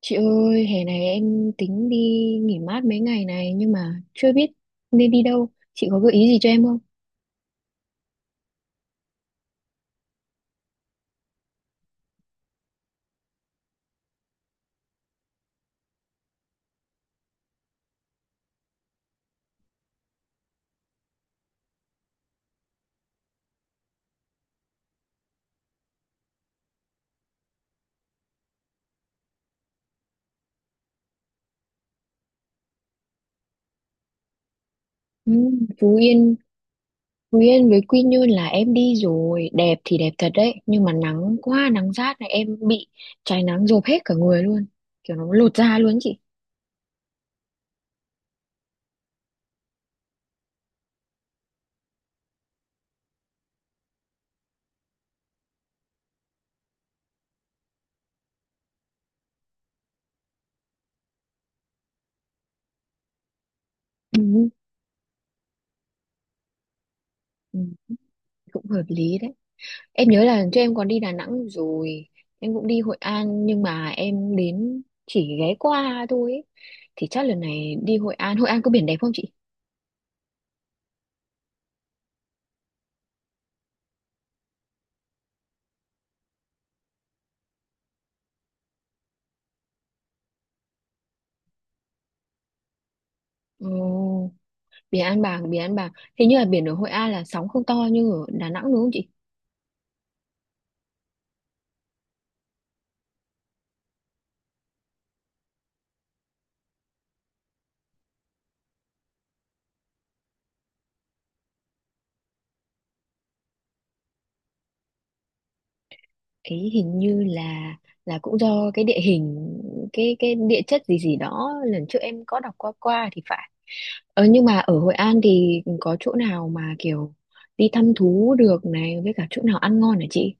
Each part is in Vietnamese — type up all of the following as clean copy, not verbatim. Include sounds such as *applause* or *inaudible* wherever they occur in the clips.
Chị ơi, hè này em tính đi nghỉ mát mấy ngày này nhưng mà chưa biết nên đi đâu. Chị có gợi ý gì cho em không? Ừ. Phú Yên, Phú Yên với Quy Nhơn là em đi rồi, đẹp thì đẹp thật đấy, nhưng mà nắng quá, nắng rát này em bị cháy nắng rộp hết cả người luôn, kiểu nó lột da luôn chị. Ừ, ừ, cũng hợp lý đấy. Em nhớ là lần trước em còn đi Đà Nẵng rồi, em cũng đi Hội An nhưng mà em đến chỉ ghé qua thôi ấy. Thì chắc lần này đi Hội An, Hội An có biển đẹp không chị? Ồ, biển An Bàng, biển An Bàng. Hình như là biển ở Hội An là sóng không to như ở Đà Nẵng đúng không chị? Ấy hình như là cũng do cái địa hình, cái địa chất gì gì đó lần trước em có đọc qua qua thì phải. Ờ nhưng mà ở Hội An thì có chỗ nào mà kiểu đi thăm thú được này với cả chỗ nào ăn ngon hả chị?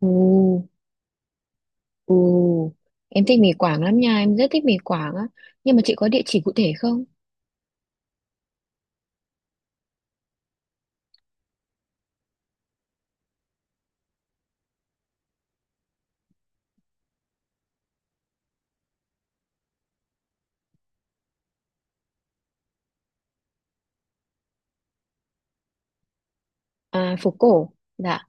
Ồ, ồ, em thích mì Quảng lắm nha, em rất thích mì Quảng á. Nhưng mà chị có địa chỉ cụ thể không? À, phố cổ. Dạ. *laughs*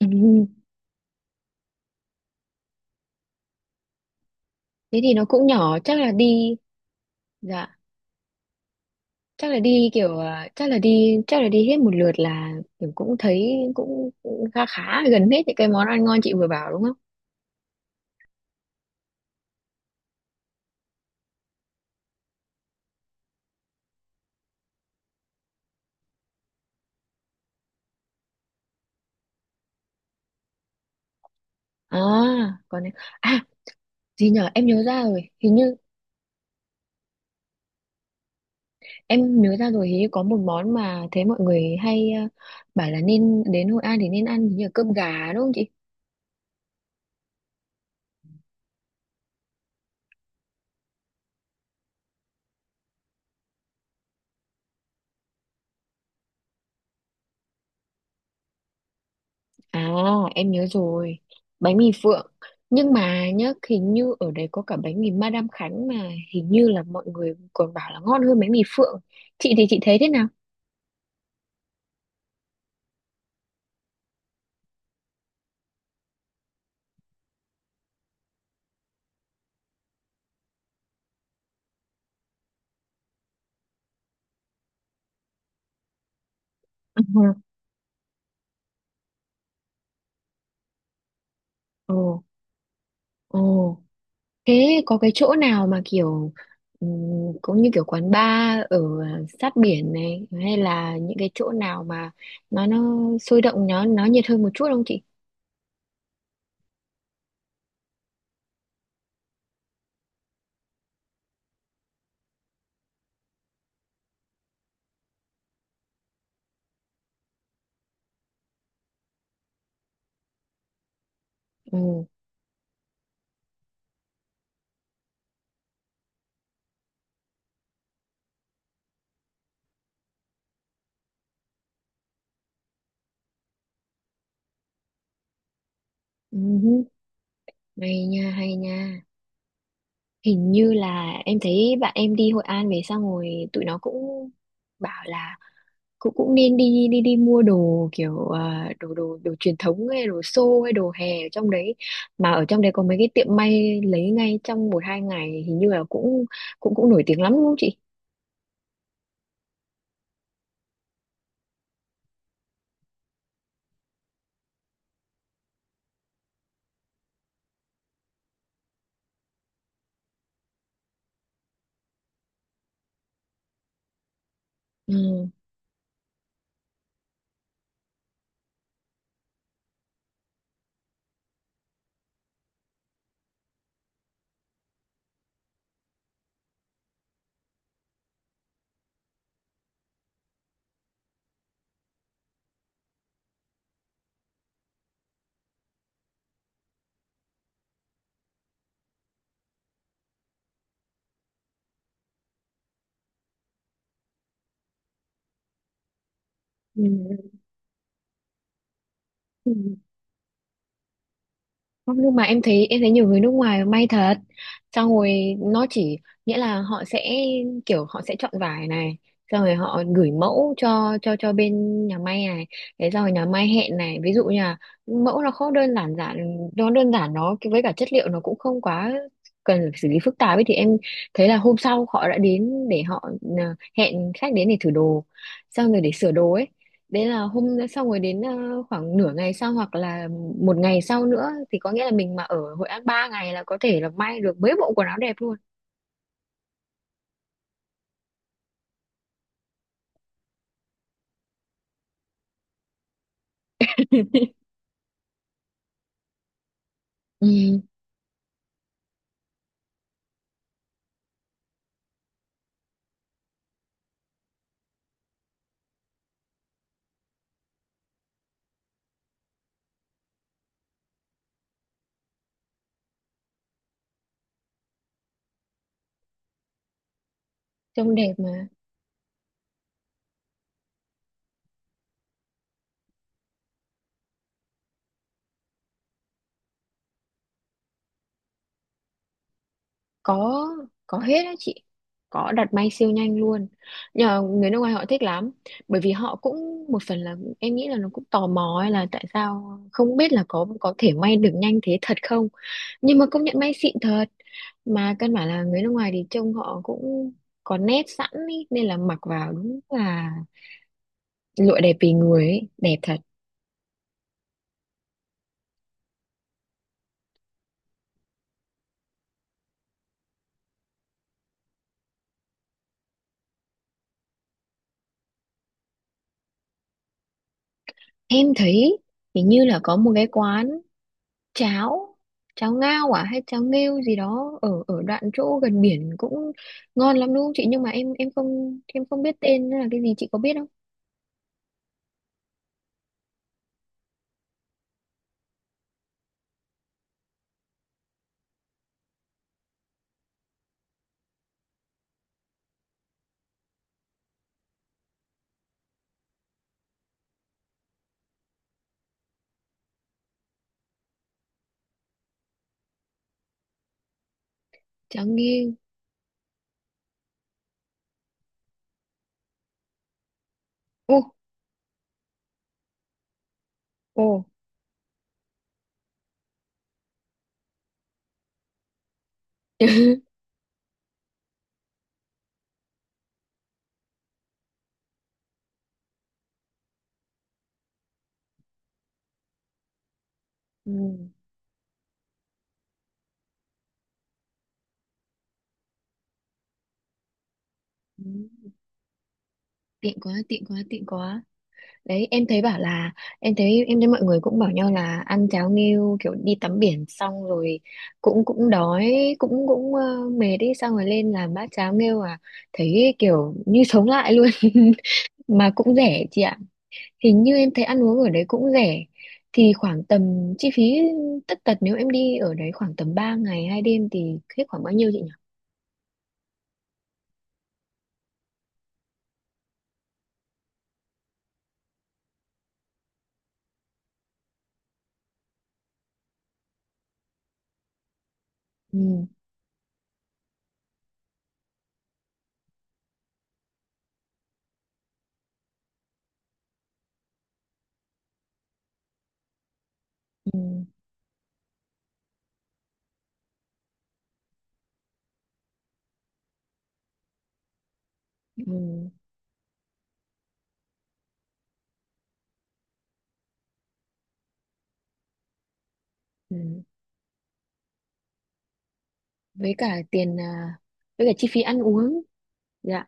Ừ. Thế thì nó cũng nhỏ, chắc là đi. Dạ. Chắc là đi kiểu chắc là đi hết một lượt là kiểu cũng thấy cũng khá khá gần hết những cái món ăn ngon chị vừa bảo đúng không? À, còn à, gì nhở, em nhớ ra rồi, hình như em nhớ ra rồi hình như có một món mà thấy mọi người hay bảo là nên đến Hội An thì nên ăn hình như là cơm gà đúng không chị? À em nhớ rồi, bánh mì Phượng. Nhưng mà nhá hình như ở đấy có cả bánh mì Madame Khánh mà hình như là mọi người còn bảo là ngon hơn bánh mì Phượng, chị thì chị thấy thế nào? *laughs* Ồ, ồ, thế có cái chỗ nào mà kiểu ừm, cũng như kiểu quán bar ở sát biển này hay là những cái chỗ nào mà nó sôi động nó nhiệt hơn một chút không chị? Ừ, ừm, hay nha, hay nha. Hình như là em thấy bạn em đi Hội An về xong rồi tụi nó cũng bảo là cũng cũng nên đi đi đi mua đồ kiểu đồ đồ đồ truyền thống hay đồ xô hay đồ hè ở trong đấy, mà ở trong đấy có mấy cái tiệm may lấy ngay trong 1 2 ngày hình như là cũng cũng cũng nổi tiếng lắm đúng không chị? Ừ. Ừ. Không, nhưng mà em thấy nhiều người nước ngoài may thật, xong rồi nó chỉ nghĩa là họ sẽ kiểu họ sẽ chọn vải này xong rồi họ gửi mẫu cho cho bên nhà may này, thế xong rồi nhà may hẹn này ví dụ như là mẫu nó không đơn giản giản nó đơn giản nó với cả chất liệu nó cũng không quá cần phải xử lý phức tạp ấy, thì em thấy là hôm sau họ đã đến để họ à, hẹn khách đến để thử đồ xong rồi để sửa đồ ấy. Đấy là hôm đấy xong rồi đến khoảng nửa ngày sau hoặc là một ngày sau nữa, thì có nghĩa là mình mà ở Hội An 3 ngày là có thể là may được mấy bộ quần áo đẹp luôn. *laughs* Ừ, trông đẹp mà. có có hết á chị, có đặt may siêu nhanh luôn, nhờ người nước ngoài họ thích lắm, bởi vì họ cũng một phần là em nghĩ là nó cũng tò mò ấy, là tại sao không biết là có thể may được nhanh thế thật không, nhưng mà công nhận may xịn thật. Mà căn bản là người nước ngoài thì trông họ cũng có nét sẵn ý, nên là mặc vào đúng là lụa đẹp vì người ấy, đẹp thật. Em thấy hình như là có một cái quán cháo, cháo ngao à hay cháo nghêu gì đó ở ở đoạn chỗ gần biển cũng ngon lắm đúng không chị, nhưng mà em không biết tên nó là cái gì, chị có biết không? Cháo nghêu. Ô, ô. *laughs* Ừ. Ừ. Tiện quá, tiện quá, tiện quá. Đấy em thấy bảo là em thấy mọi người cũng bảo nhau là ăn cháo nghêu kiểu đi tắm biển xong rồi cũng cũng đói cũng cũng mệt đi, xong rồi lên làm bát cháo nghêu à, thấy kiểu như sống lại luôn. *laughs* Mà cũng rẻ chị ạ, hình như em thấy ăn uống ở đấy cũng rẻ. Thì khoảng tầm chi phí tất tật nếu em đi ở đấy khoảng tầm 3 ngày 2 đêm thì hết khoảng bao nhiêu chị nhỉ? Ừ, ừ, ừ, ừ. Với cả tiền với cả chi phí ăn uống. Dạ.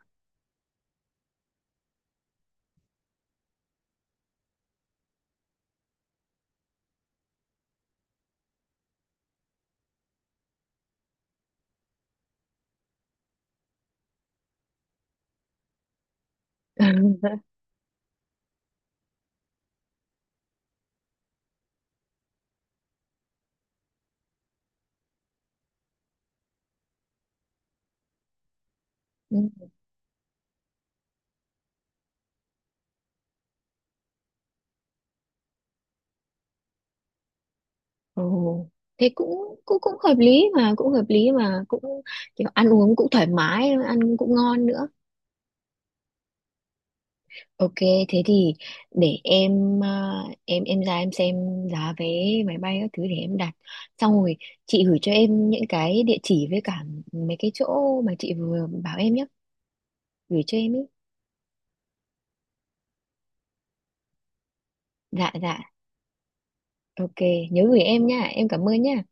*laughs* Ừ. Ồ, thế cũng cũng cũng hợp lý mà, cũng hợp lý mà, cũng kiểu ăn uống cũng thoải mái, ăn cũng ngon nữa. OK, thế thì để em em ra em xem giá vé máy bay các thứ để em đặt, xong rồi chị gửi cho em những cái địa chỉ với cả mấy cái chỗ mà chị vừa bảo em nhé, gửi cho em ý. Dạ dạ. OK, nhớ gửi em nha, em cảm ơn nha.